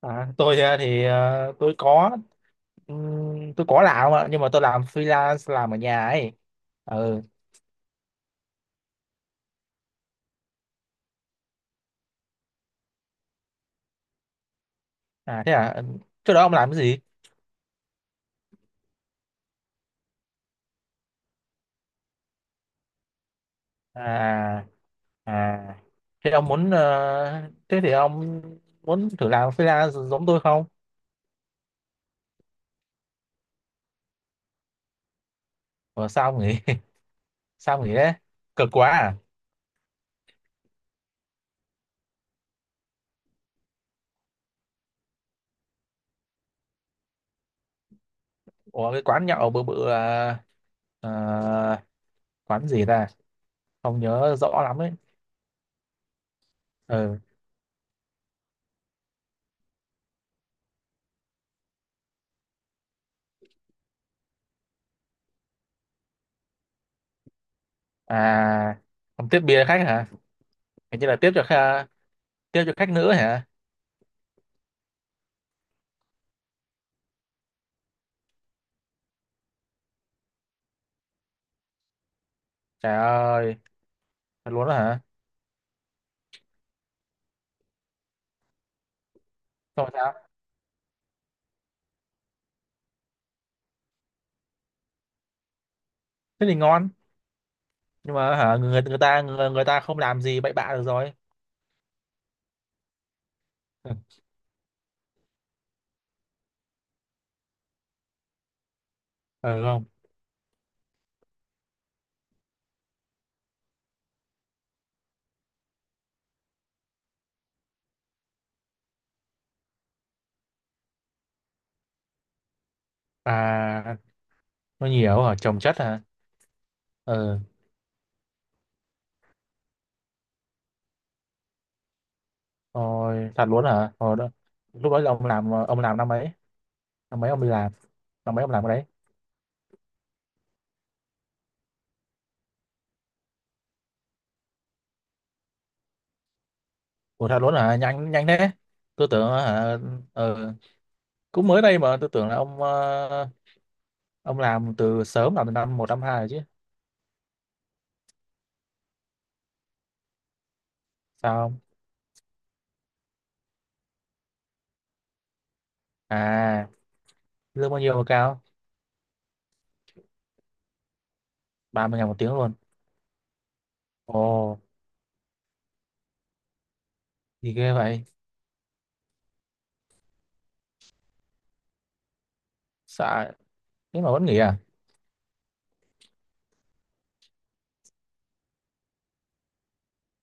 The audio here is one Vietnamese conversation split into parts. À, tôi ờ, thì ờ, tôi có làm ạ, nhưng mà tôi làm freelance, làm ở nhà ấy. Ừ. À thế à. Ừ. Trước đó ông làm cái gì? À, à, thế ông thế thì ông muốn thử làm freelance giống tôi không? Ủa, sao ông nghỉ? Sao ông nghỉ đấy? Cực quá à? Ủa, cái quán nhậu bự bự ờ, quán gì ta? Không nhớ rõ lắm ấy. Ừ. À, ông tiếp bia khách hả? Hình như là tiếp cho khách nữ hả? Trời ơi, thật luôn đó hả? Xong rồi sao? Thế thì ngon, nhưng mà hả, người ta không làm gì bậy bạ được rồi. Ừ. Ừ không? À, nó nhiều hả? Trồng chất hả? Ừ, thôi thật luôn hả? Hồi đó lúc đó là ông làm năm mấy? Năm mấy ông đi làm? Năm mấy ông làm cái đấy? Ủa thật luôn hả? Nhanh nhanh thế. Tôi tưởng hả. Ừ, cũng mới đây mà tôi tưởng là ông làm từ sớm, làm từ năm một năm hai rồi chứ. Sao không? À, lương bao nhiêu mà cao? 30.000 một tiếng luôn. Ồ, gì ghê vậy? Sợ. Thế mà vẫn nghỉ à?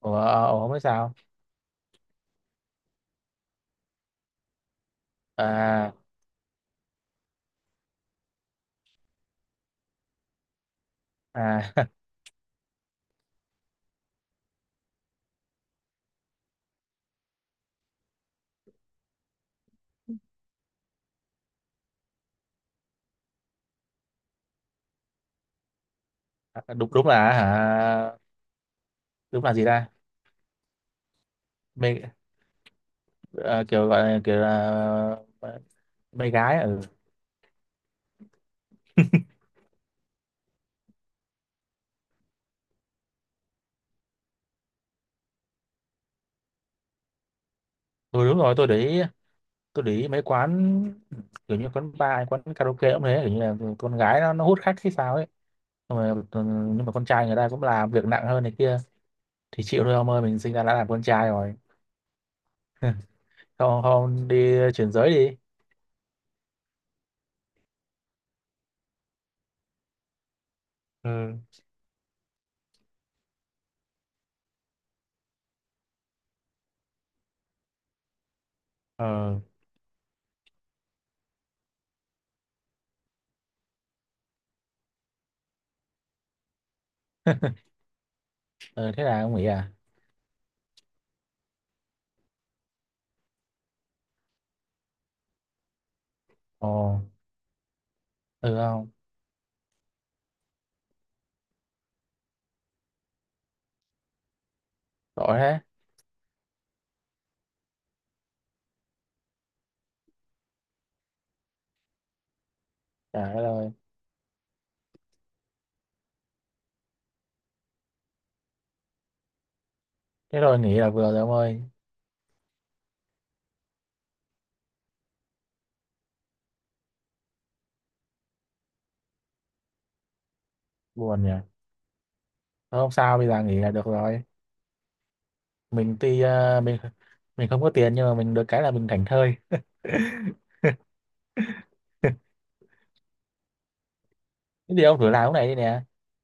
Ủa, ủa không biết sao. à à đúng đúng là hả? Đúng là gì ta? Mê. Ờ, kiểu gọi là kiểu là mê gái. Ừ. Ừ đúng rồi, tôi để ý mấy quán kiểu như quán bar, quán karaoke cũng thế, kiểu như là con gái nó hút khách hay sao ấy. Xong rồi, ừ, nhưng mà con trai người ta cũng làm việc nặng hơn này kia. Thì chịu thôi ông ơi, mình sinh ra đã làm con trai rồi. Không, không, đi chuyển giới đi. Ừ. Ờ. Ừ, thế là ông nghĩ à? Ồ. Ừ không? Tội thế. Trời đất ơi. Thế rồi nghỉ là vừa rồi ông ơi. Buồn nhỉ. Thôi không sao, bây giờ nghỉ là được rồi. Mình tuy mình không có tiền, nhưng mà mình được cái là mình thảnh thơi. Thế thì ông thử làm cái này đi nè.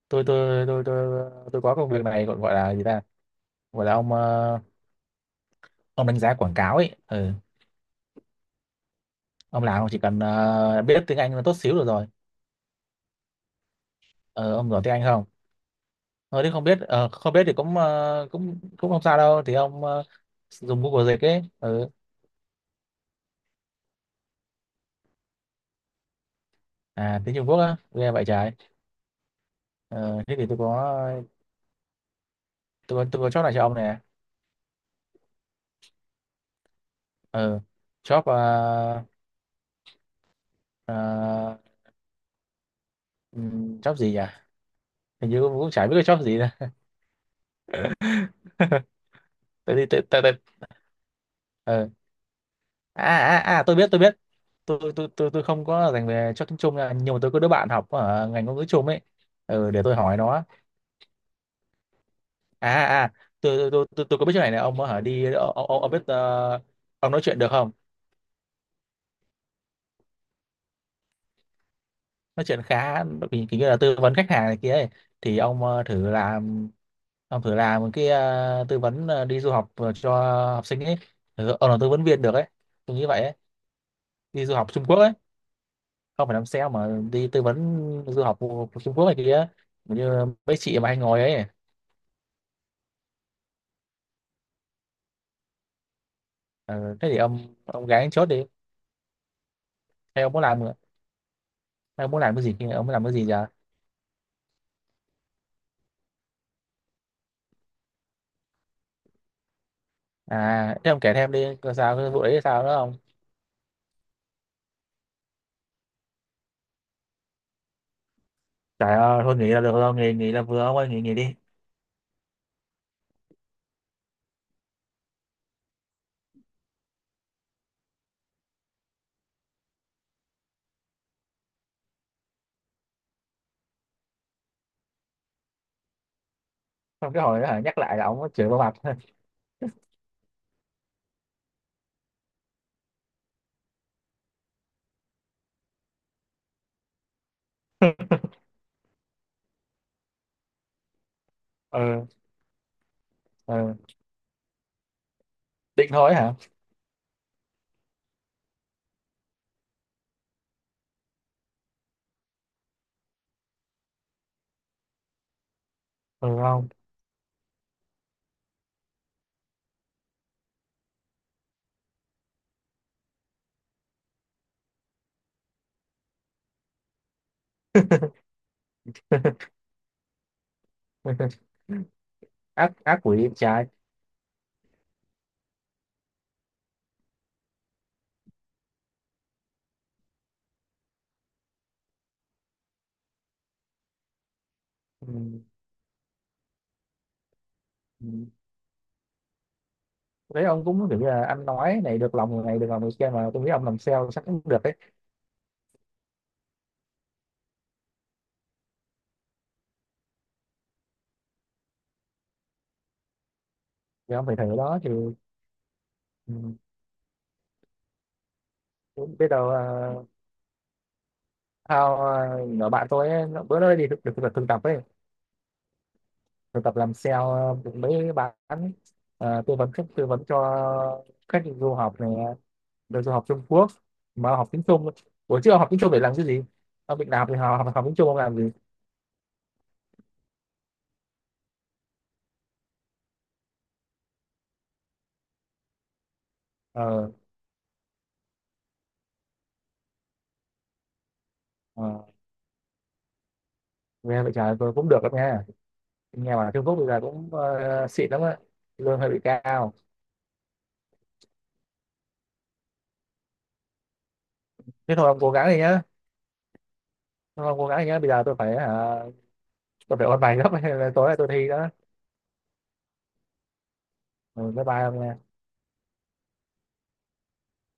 Tôi tôi tôi tôi tôi có công việc này, gọi gọi là gì ta? Gọi là ông đánh giá quảng cáo ấy. Ừ. Ông chỉ cần biết tiếng Anh là tốt xíu được rồi. Ờ, ông giỏi tiếng Anh không? Ờ, nếu không biết thì cũng ờ, cũng cũng không sao đâu, thì ông dùng Google dịch ấy. Ừ. À, tiếng Trung Quốc á. Ghê vậy trời. Ờ, thế thì tôi có job này cho ông nè. ờ job job gì nhỉ? Hình như cũng chả biết cái job gì nè. tại vì tại tại tại- ờ tôi biết tôi không có dành về cho tiếng Trung nha, nhưng mà tôi có đứa bạn học ở ngành ngôn ngữ Trung ấy. Ừ, để tôi hỏi nó. à à à, tôi có biết chỗ này này ông hả, đi ông biết ông nói chuyện được không? Nói chuyện khá, kiểu kiểu như là tư vấn khách hàng này kia ấy. Thì ông thử làm một cái tư vấn đi du học cho học sinh ấy. Ừ, ông là tư vấn viên được ấy. Tôi nghĩ vậy ấy. Đi du học Trung Quốc ấy. Không phải làm sale, mà đi tư vấn du học của Trung Quốc này kia. Như mấy chị mà hay ngồi ấy. Ờ, thế thì ông gái chốt đi. Hay ông muốn làm Hay ông muốn làm cái gì? Ông muốn làm cái gì giờ? À, thế ông kể thêm đi. Coi sao cái vụ đấy, sao nữa không? Trời ơi, thôi nghỉ là được rồi. Nghỉ, nghỉ là vừa ông ơi, nghỉ, nghỉ đi. Xong cái hồi đó hả, nhắc lại là ông chửi vào mặt. Ừ, ừ. Định thôi hả? Ừ không? Ác, ác quỷ em trai. Ừ, ừ. Đấy, ông cũng kiểu như là anh nói này, được lòng người này được lòng người kia, mà tôi nghĩ ông làm sale chắc cũng được đấy. Thì ông phải thử đó thì. Ừ, cũng biết đâu. uh, Thao, nhỏ bạn tôi ấy, bữa đó đi được được thực thực tập ấy. Thực tập làm sale, mấy bạn tư vấn cho khách du học này, được du học Trung Quốc mà học tiếng Trung. Buổi trước ông học tiếng Trung để làm cái gì? Ông bị làm thì học học, tiếng Trung ông làm gì? Ờ. Ờ, nghe vậy trời, tôi cũng được đó nghe. Nghe bảo là Trung Quốc bây giờ cũng xịn lắm á, lương hơi bị cao. Thế thôi ông cố gắng đi nhá Thôi ông cố gắng đi nhá, bây giờ tôi phải ôn bài gấp nên là tối nay tôi thi đó. Ừ, bye bye ông nha.